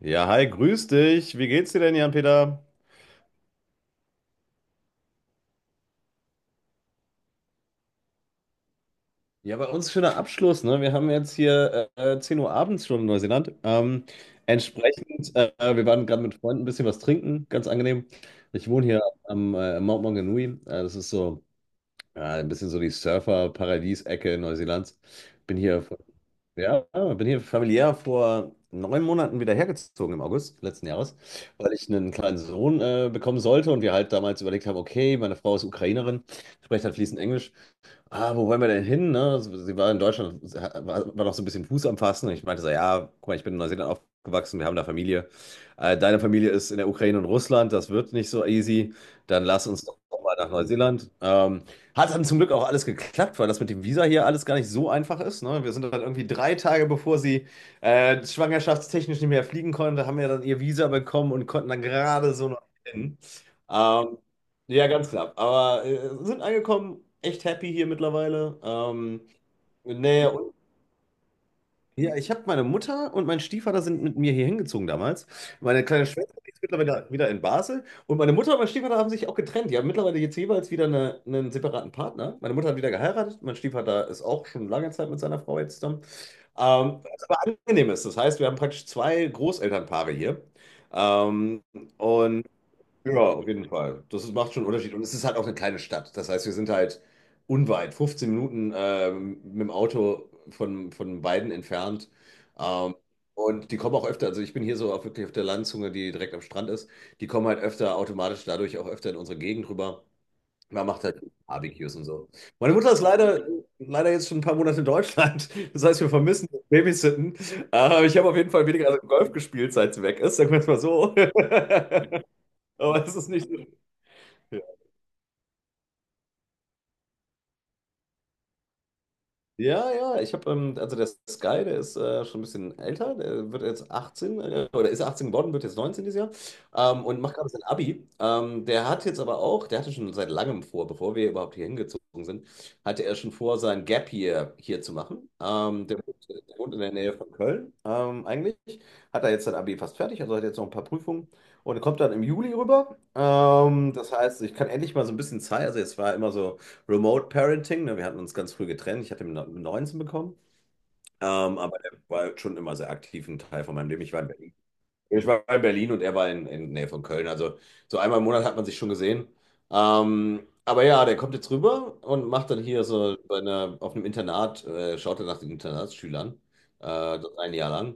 Ja, hi, grüß dich. Wie geht's dir denn, Jan-Peter? Ja, bei uns schöner Abschluss, ne? Wir haben jetzt hier 10 Uhr abends schon in Neuseeland. Entsprechend, wir waren gerade mit Freunden ein bisschen was trinken, ganz angenehm. Ich wohne hier am Mount Maunganui. Das ist so, ja, ein bisschen so die Surfer-Paradies-Ecke Neuseelands. Bin hier von Ja, bin hier familiär vor 9 Monaten wieder hergezogen im August letzten Jahres, weil ich einen kleinen Sohn bekommen sollte und wir halt damals überlegt haben, okay, meine Frau ist Ukrainerin, spricht halt fließend Englisch. Wo wollen wir denn hin? Ne? Also, sie war in Deutschland, war noch so ein bisschen Fuß am Fassen. Und ich meinte so, ja, guck mal, ich bin in Neuseeland aufgewachsen, wir haben da Familie. Deine Familie ist in der Ukraine und Russland, das wird nicht so easy. Dann lass uns doch mal nach Neuseeland. Hat dann zum Glück auch alles geklappt, weil das mit dem Visa hier alles gar nicht so einfach ist. Ne? Wir sind dann irgendwie 3 Tage, bevor sie schwangerschaftstechnisch nicht mehr fliegen konnte, haben wir dann ihr Visa bekommen und konnten dann gerade so noch hin. Ähm, ja, ganz knapp. Aber sind angekommen, echt happy hier mittlerweile. Nee, und ja, ich habe meine Mutter und mein Stiefvater sind mit mir hier hingezogen damals. Meine kleine Schwester, die ist mittlerweile wieder in Basel. Und meine Mutter und mein Stiefvater haben sich auch getrennt. Die haben mittlerweile jetzt jeweils wieder eine, einen separaten Partner. Meine Mutter hat wieder geheiratet. Mein Stiefvater ist auch schon lange Zeit mit seiner Frau jetzt zusammen. Was aber angenehm ist. Das heißt, wir haben praktisch zwei Großelternpaare hier. Ähm, und ja, auf jeden Fall. Macht schon einen Unterschied. Und es ist halt auch eine kleine Stadt. Das heißt, wir sind halt unweit, 15 Minuten mit dem Auto von beiden entfernt. Ähm, und die kommen auch öfter, also ich bin hier so auf, wirklich auf der Landzunge, die direkt am Strand ist. Die kommen halt öfter automatisch dadurch auch öfter in unsere Gegend rüber. Man macht halt Barbecues und so. Meine Mutter ist leider, leider jetzt schon ein paar Monate in Deutschland. Das heißt, wir vermissen das Babysitten. Ich habe auf jeden Fall weniger also Golf gespielt, seit sie weg ist. Sagen wir es mal so. Aber es ist nicht so. Ja, ja, ich habe, also der Sky, der ist schon ein bisschen älter, der wird jetzt 18, oder ist 18 geworden, wird jetzt 19 dieses Jahr, und macht gerade sein Abi. Der hat jetzt aber auch, der hatte schon seit langem vor, bevor wir überhaupt hier hingezogen sind, hatte er schon vor, sein Gap Year hier zu machen. Der wohnt in der Nähe von Köln, eigentlich, hat er jetzt sein Abi fast fertig, also hat jetzt noch ein paar Prüfungen und kommt dann im Juli rüber. Das heißt, ich kann endlich mal so ein bisschen Zeit, also jetzt war immer so, Remote Parenting. Ne? Wir hatten uns ganz früh getrennt. Ich hatte ihn mit 19 bekommen. Aber er war schon immer sehr aktiv ein Teil von meinem Leben. Ich war in Berlin. Ich war in Berlin und er war in der Nähe von Köln. Also so einmal im Monat hat man sich schon gesehen. Aber ja, der kommt jetzt rüber und macht dann hier so bei einer, auf einem Internat, schaut er nach den Internatsschülern. Das ein Jahr lang.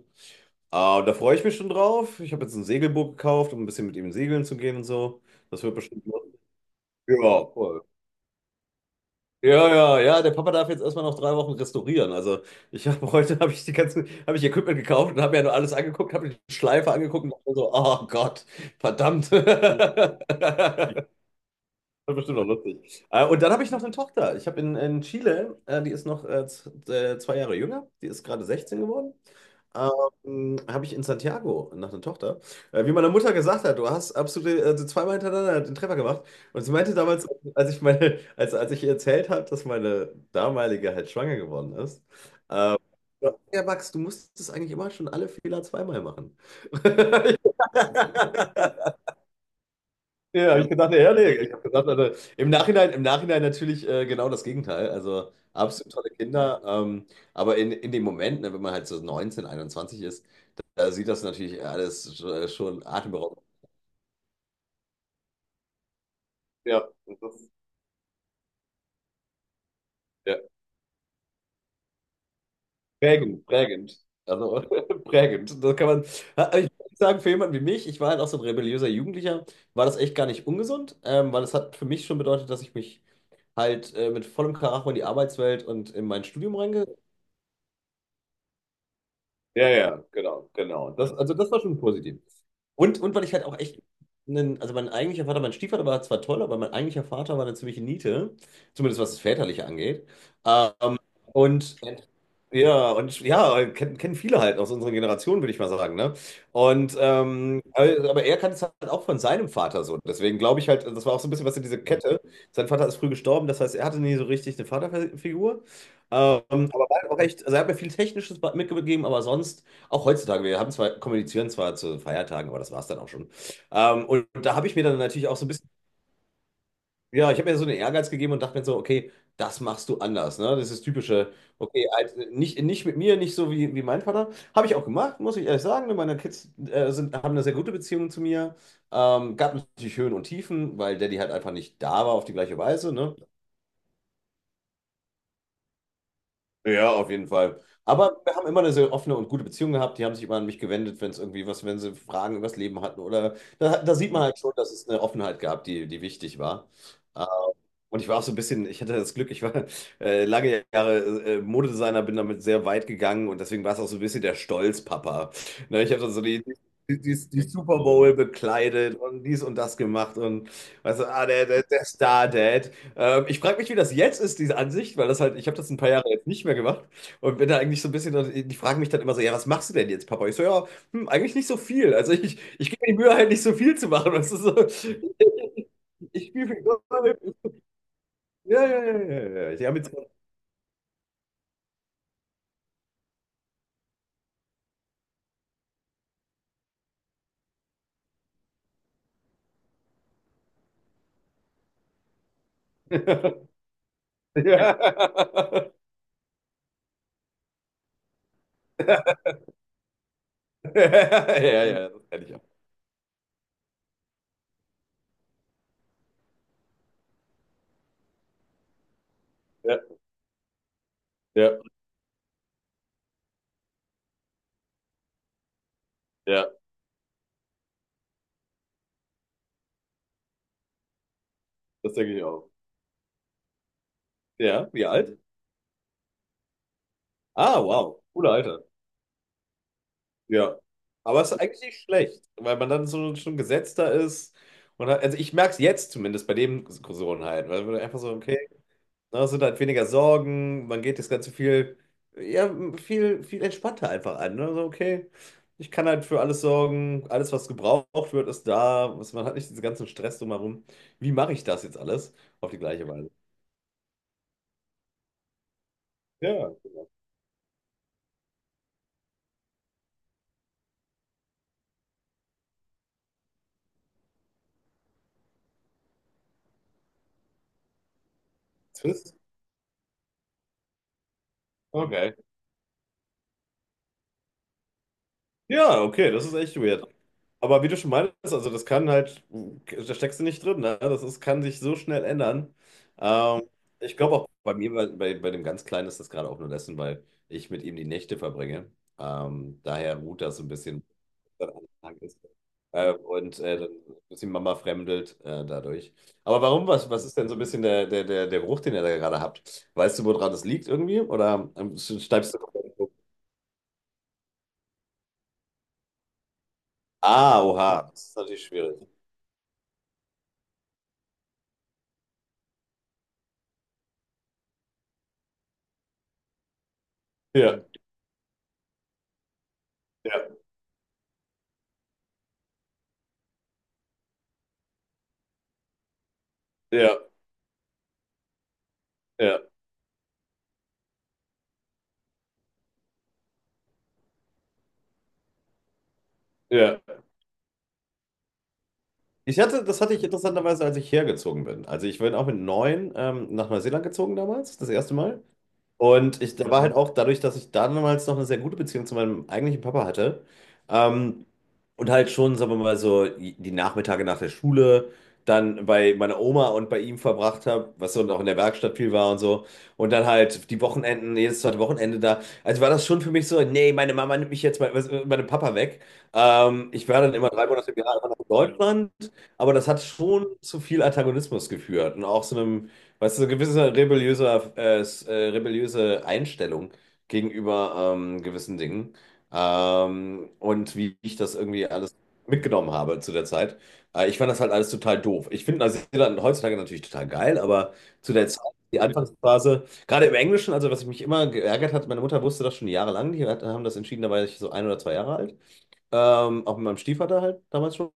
Äh, da freue ich mich schon drauf. Ich habe jetzt ein Segelboot gekauft, um ein bisschen mit ihm segeln zu gehen und so. Das wird bestimmt. Ja, cool. Ja, ja, ja, der Papa darf jetzt erstmal noch 3 Wochen restaurieren. Also ich habe heute habe ich Equipment gekauft und habe mir ja nur alles angeguckt, habe die Schleife angeguckt und dachte so, oh Gott, verdammt. Das ist bestimmt auch lustig. Und dann habe ich noch eine Tochter. Ich habe in Chile, die ist noch 2 Jahre jünger, die ist gerade 16 geworden. Habe ich in Santiago nach einer Tochter. Wie meine Mutter gesagt hat, du hast absolut also zweimal hintereinander den Treffer gemacht. Und sie meinte damals, als ich meine, als ich ihr erzählt habe, dass meine damalige halt schwanger geworden ist. Ja, ja, Max, du musstest eigentlich immer schon alle Fehler zweimal machen. Ja, hab ich gedacht, ja, nee, ich habe gedacht, also, im Nachhinein natürlich genau das Gegenteil. Also absolut tolle Kinder. Aber in dem Moment, ne, wenn man halt so 19, 21 ist, da sieht das natürlich alles schon atemberaubend. Ja, das ist, ja, prägend, prägend. Also prägend. Das kann man. Ha, ich muss sagen, für jemanden wie mich, ich war halt auch so ein rebelliöser Jugendlicher, war das echt gar nicht ungesund, weil es hat für mich schon bedeutet, dass ich mich halt mit vollem Karacho in die Arbeitswelt und in mein Studium reinge. Ja, ja, genau, genau. Das, also das war schon positiv. Und weil ich halt auch echt, einen, also mein eigentlicher Vater, mein Stiefvater war zwar toll, aber mein eigentlicher Vater war eine ziemliche Niete, zumindest was das Väterliche angeht. Ähm, und ja, und ja, kennen viele halt aus unserer Generation, würde ich mal sagen, ne? Und aber er kannte es halt auch von seinem Vater so. Deswegen glaube ich halt, das war auch so ein bisschen was in diese Kette. Sein Vater ist früh gestorben, das heißt, er hatte nie so richtig eine Vaterfigur. Aber war auch echt, also er hat mir viel Technisches mitgegeben, aber sonst, auch heutzutage, wir haben zwar, kommunizieren zwar zu Feiertagen, aber das war es dann auch schon. Und da habe ich mir dann natürlich auch so ein bisschen, ja, ich habe mir so einen Ehrgeiz gegeben und dachte mir so, okay, das machst du anders, ne? Das ist typische, okay, halt, nicht, nicht mit mir, nicht so wie, mein Vater. Habe ich auch gemacht, muss ich ehrlich sagen. Meine Kids sind, haben eine sehr gute Beziehung zu mir. Gab natürlich Höhen und Tiefen, weil Daddy halt einfach nicht da war auf die gleiche Weise, ne? Ja, auf jeden Fall. Aber wir haben immer eine sehr offene und gute Beziehung gehabt. Die haben sich immer an mich gewendet, wenn es irgendwie was, wenn sie Fragen über Leben hatten. Oder da sieht man halt schon, dass es eine Offenheit gab, die, die wichtig war. Ähm, Und ich war auch so ein bisschen, ich hatte das Glück, ich war lange Jahre Modedesigner, bin damit sehr weit gegangen und deswegen war es auch so ein bisschen der Stolzpapa. Ne, ich habe dann so die Super Bowl bekleidet und dies und das gemacht und weißt du, ah, der Star-Dad. Ich frage mich, wie das jetzt ist, diese Ansicht, weil das halt, ich habe das ein paar Jahre jetzt nicht mehr gemacht und bin da eigentlich so ein bisschen, die fragen mich dann immer so, ja, was machst du denn jetzt, Papa? Ich so, ja, hm, eigentlich nicht so viel. Also ich gebe mir die Mühe halt nicht so viel zu machen. Das ist so. Ich spiele viel Golf. Ja, ja, ja, ja, ja, ja, ich habe jetzt. Ja. Ja, ja, das kenne ich auch. Ja, ja, ja, das denke ich auch. Ja, wie alt? Ah, wow, cooler Alter. Ja. Aber es ist eigentlich nicht schlecht, weil man dann so schon gesetzter ist. Und hat, also ich merke es jetzt zumindest bei dem Diskussionen halt, weil man einfach so, okay, na, es sind halt weniger Sorgen, man geht das Ganze viel, ja, viel, viel entspannter einfach an. Ne? So, okay, ich kann halt für alles sorgen, alles, was gebraucht wird, ist da. Was, man hat nicht diesen ganzen Stress drumherum. Wie mache ich das jetzt alles? Auf die gleiche Weise. Ja, genau. Twist. Okay. Ja, okay, das ist echt weird. Aber wie du schon meintest, also das kann halt, da steckst du nicht drin, ne? Das ist, kann sich so schnell ändern. Ähm, Ich glaube auch bei mir, bei, bei dem ganz Kleinen ist das gerade auch nur dessen, weil ich mit ihm die Nächte verbringe. Daher ruht das so ein bisschen, was dann Anfang ist. Und dann ist die Mama fremdelt dadurch. Aber warum, was ist denn so ein bisschen der Geruch, den ihr da gerade habt? Weißt du, woran das liegt irgendwie? Oder schneidest du? Ah, oha, das ist natürlich schwierig. Ja, ja, ja, ja, ja. Das hatte ich interessanterweise, als ich hergezogen bin. Also ich bin auch mit 9 nach Neuseeland gezogen damals, das erste Mal. Und ich, da war halt auch dadurch, dass ich damals noch eine sehr gute Beziehung zu meinem eigentlichen Papa hatte, ähm, und halt schon, sagen wir mal so, die Nachmittage nach der Schule dann bei meiner Oma und bei ihm verbracht habe, was so und auch in der Werkstatt viel war und so. Und dann halt die Wochenenden, jedes zweite Wochenende da. Also war das schon für mich so, nee, meine Mama nimmt mich jetzt meinem Papa weg. Ich war dann immer 3 Monate im Jahr einfach nach Deutschland, aber das hat schon zu viel Antagonismus geführt und auch so einem. Weißt du, so gewisse rebelliöse Einstellung gegenüber gewissen Dingen, und wie ich das irgendwie alles mitgenommen habe zu der Zeit. Ich fand das halt alles total doof. Ich finde Neuseeland heutzutage natürlich total geil, aber zu der Zeit, die Anfangsphase, gerade im Englischen, also was mich immer geärgert hat, meine Mutter wusste das schon jahrelang, die hat, haben das entschieden, da war ich so 1 oder 2 Jahre alt. Auch mit meinem Stiefvater halt damals schon.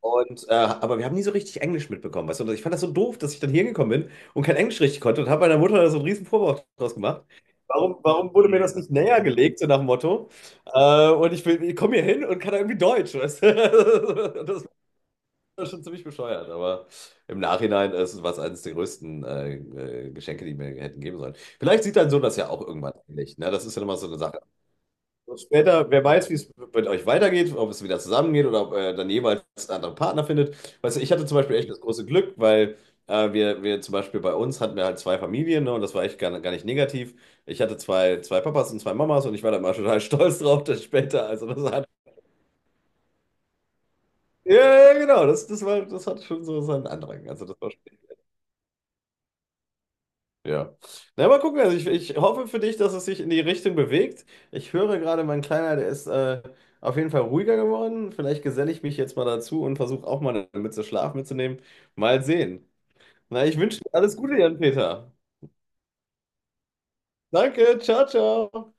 Und, aber wir haben nie so richtig Englisch mitbekommen. Weißt du? Und ich fand das so doof, dass ich dann hier gekommen bin und kein Englisch richtig konnte und habe meiner Mutter da so einen riesen Vorwurf draus gemacht. Warum, warum wurde mir das nicht näher gelegt, so nach dem Motto? Und ich komme hier hin und kann da irgendwie Deutsch, weißt du? Das war schon ziemlich bescheuert, aber im Nachhinein ist es eines der größten Geschenke, die mir hätten geben sollen. Vielleicht sieht dein Sohn das ja auch irgendwann ähnlich. Ne? Das ist ja immer so eine Sache. Und später, wer weiß, wie es mit euch weitergeht, ob es wieder zusammengeht oder ob ihr dann jeweils andere Partner findet. Weißt du, ich hatte zum Beispiel echt das große Glück, weil wir zum Beispiel bei uns hatten wir halt zwei Familien, ne, und das war echt gar nicht negativ. Ich hatte zwei, zwei Papas und zwei Mamas und ich war da immer total stolz drauf, dass später, also das hat, ja, ja, genau, das war, das hat schon so seinen Andrang. Also das war. Ja. Na, mal gucken. Also ich hoffe für dich, dass es sich in die Richtung bewegt. Ich höre gerade, mein Kleiner, der ist auf jeden Fall ruhiger geworden. Vielleicht geselle ich mich jetzt mal dazu und versuche auch mal eine Mütze Schlaf mitzunehmen. Mal sehen. Na, ich wünsche dir alles Gute, Jan-Peter. Danke, ciao, ciao.